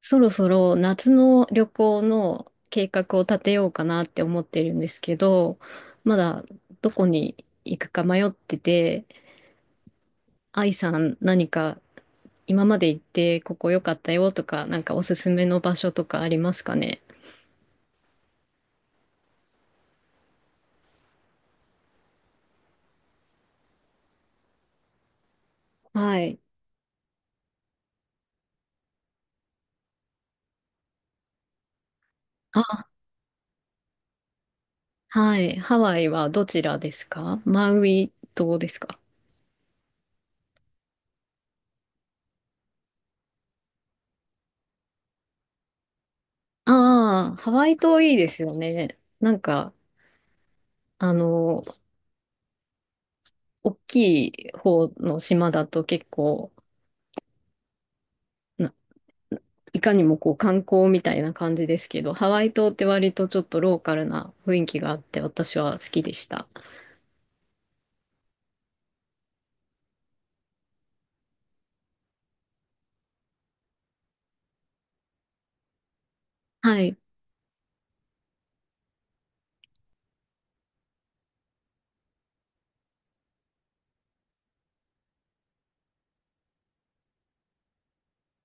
そろそろ夏の旅行の計画を立てようかなって思ってるんですけど、まだどこに行くか迷ってて、愛さん今まで行ってここ良かったよとか、なんかおすすめの場所とかありますかね？はい。あ、はい。ハワイはどちらですか？マウイ島ですか？ああ、ハワイ島いいですよね。あの、大きい方の島だと結構、いかにもこう観光みたいな感じですけど、ハワイ島って割とちょっとローカルな雰囲気があって私は好きでした。はい。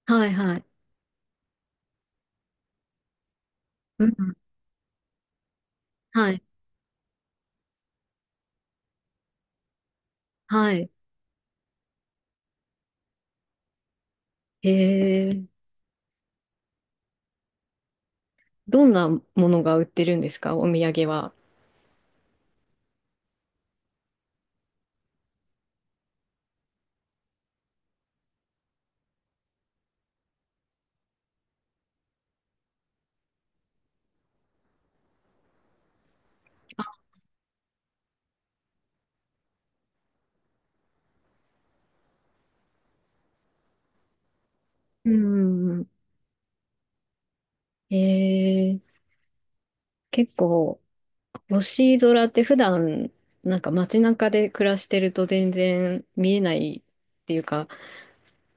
はいはい。うん。はい。はい。へえ。どんなものが売ってるんですか？お土産は。うん。へえ。結構、星空って普段、なんか街中で暮らしてると全然見えないっていうか、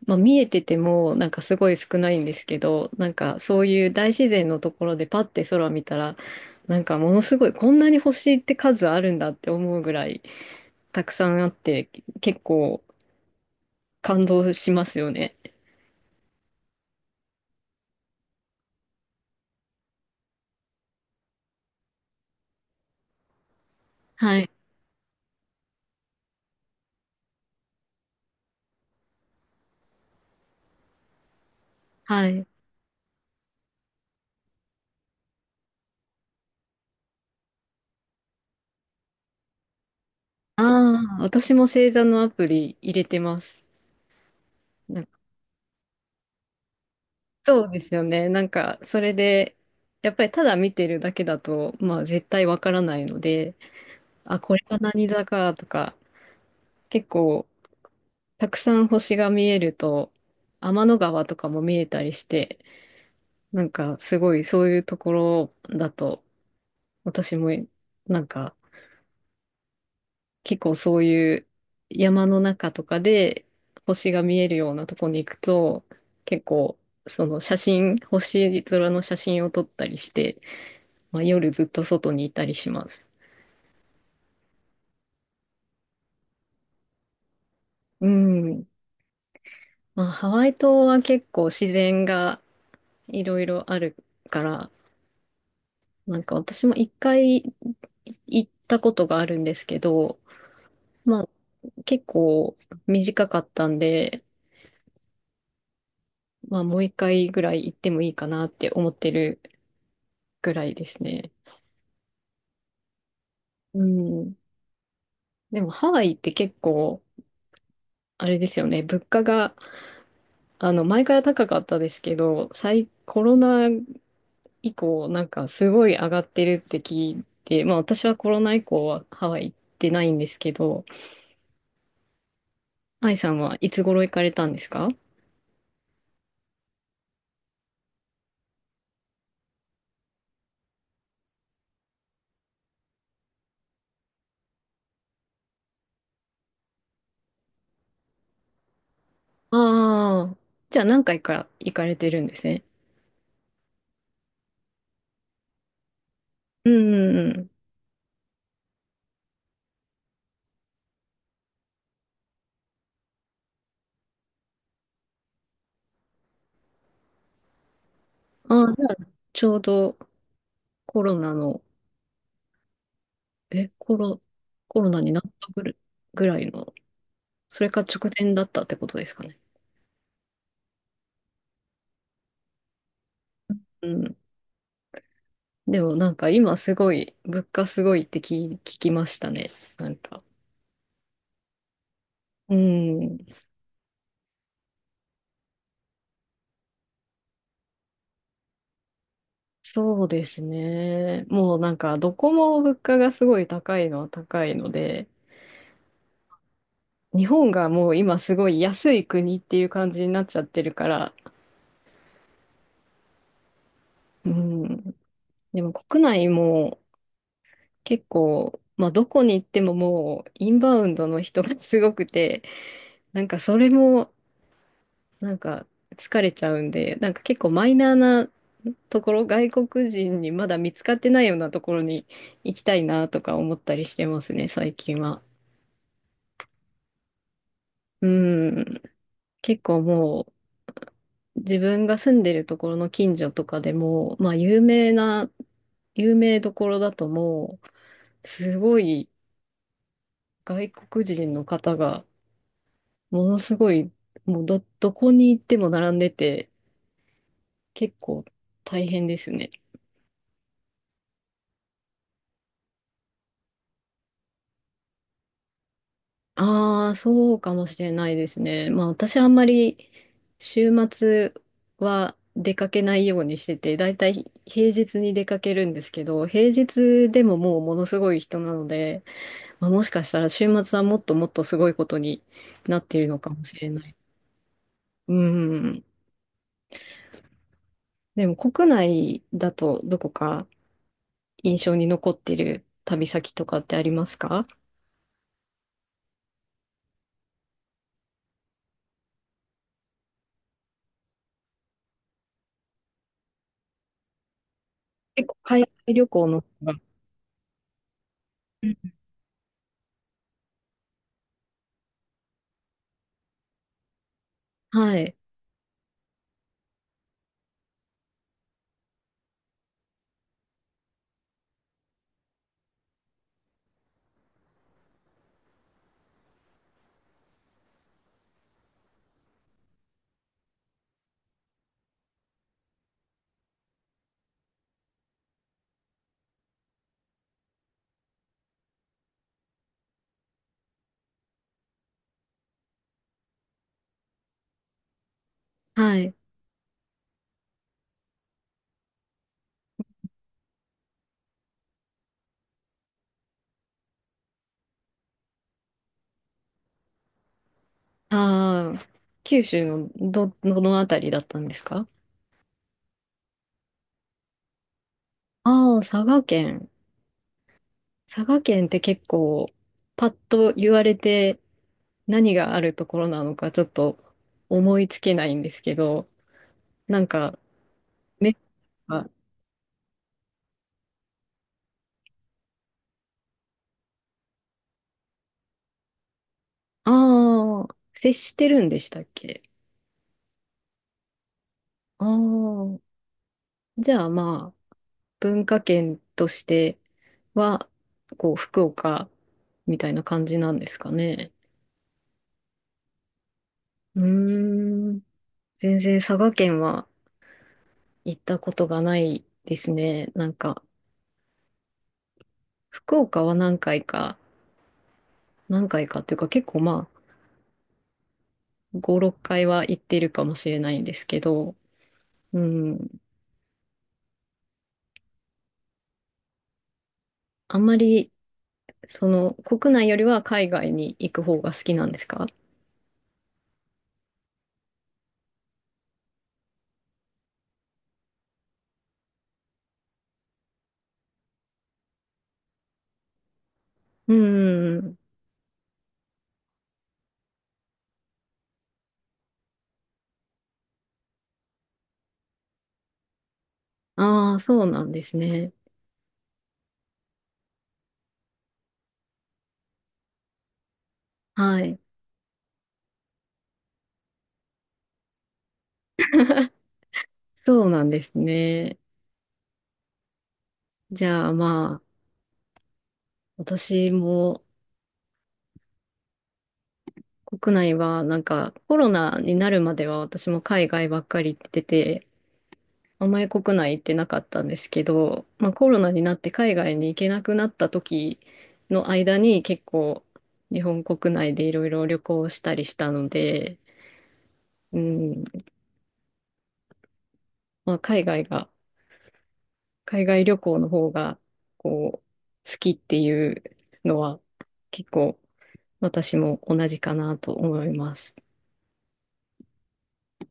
まあ、見えててもなんかすごい少ないんですけど、なんかそういう大自然のところでパッて空見たら、なんかものすごい、こんなに星って数あるんだって思うぐらいたくさんあって、結構感動しますよね。はい。はい。ああ、私も星座のアプリ入れてます。なんかそうですよね。なんかそれでやっぱりただ見てるだけだとまあ絶対わからないので、あ、これが何座かとか。結構たくさん星が見えると、天の川とかも見えたりして、なんかすごい、そういうところだと、私もなんか結構そういう山の中とかで星が見えるようなとこに行くと、結構その写真、星空の写真を撮ったりして、まあ、夜ずっと外にいたりします。うん。まあハワイ島は結構自然がいろいろあるから、私も一回行ったことがあるんですけど、まあ、結構短かったんで、まあ、もう一回ぐらい行ってもいいかなって思ってるぐらいですね。うん。でも、ハワイって結構、あれですよね、物価が、前から高かったですけど、コロナ以降、なんかすごい上がってるって聞いて、まあ、私はコロナ以降はハワイ行ってないんですけど、愛さんはいつ頃行かれたんですか？ああ、じゃあ何回か行かれてるんですね。うんうんうん。ああ、じゃあちょうどコロナの、え、コロ、コロナになったぐらいの、それか直前だったってことですかね。うん。でもなんか今すごい、物価すごいって聞きましたね。なんか。うん。そうですね。もうなんかどこも物価がすごい高いのは高いので、日本がもう今すごい安い国っていう感じになっちゃってるから、うん。でも国内も結構、まあどこに行ってももうインバウンドの人がすごくて、なんかそれもなんか疲れちゃうんで、なんか結構マイナーなところ、外国人にまだ見つかってないようなところに行きたいなとか思ったりしてますね、最近は。うん。結構もう自分が住んでるところの近所とかでも、まあ有名な、有名どころだともう、すごい外国人の方がものすごい、もうどこに行っても並んでて、結構大変ですね。ああ、そうかもしれないですね。まあ私あんまり週末は出かけないようにしてて、だいたい平日に出かけるんですけど、平日でももうものすごい人なので、まあ、もしかしたら週末はもっともっとすごいことになっているのかもしれない。うん。でも国内だとどこか印象に残ってる旅先とかってありますか？結構海外旅行の方が、はい。はい。ああ、九州のどのあたりだったんですか？ああ、佐賀県。佐賀県って結構、パッと言われて何があるところなのかちょっと思いつけないんですけど、なんか、ね。ああー、接してるんでしたっけ？ああー、じゃあまあ、文化圏としては、こう、福岡みたいな感じなんですかね。うーん。全然佐賀県は行ったことがないですね。なんか、福岡は何回か、何回かっていうか結構まあ、5、6回は行ってるかもしれないんですけど、うん。あんまり、その、国内よりは海外に行く方が好きなんですか？うん。ああ、そうなんですね。はい。そうなんですね。じゃあまあ、私も国内はなんかコロナになるまでは私も海外ばっかり行ってて、あんまり国内行ってなかったんですけど、まあコロナになって海外に行けなくなった時の間に結構日本国内でいろいろ旅行したりしたので、うん、まあ海外が、海外旅行の方がこう好きっていうのは結構私も同じかなと思います。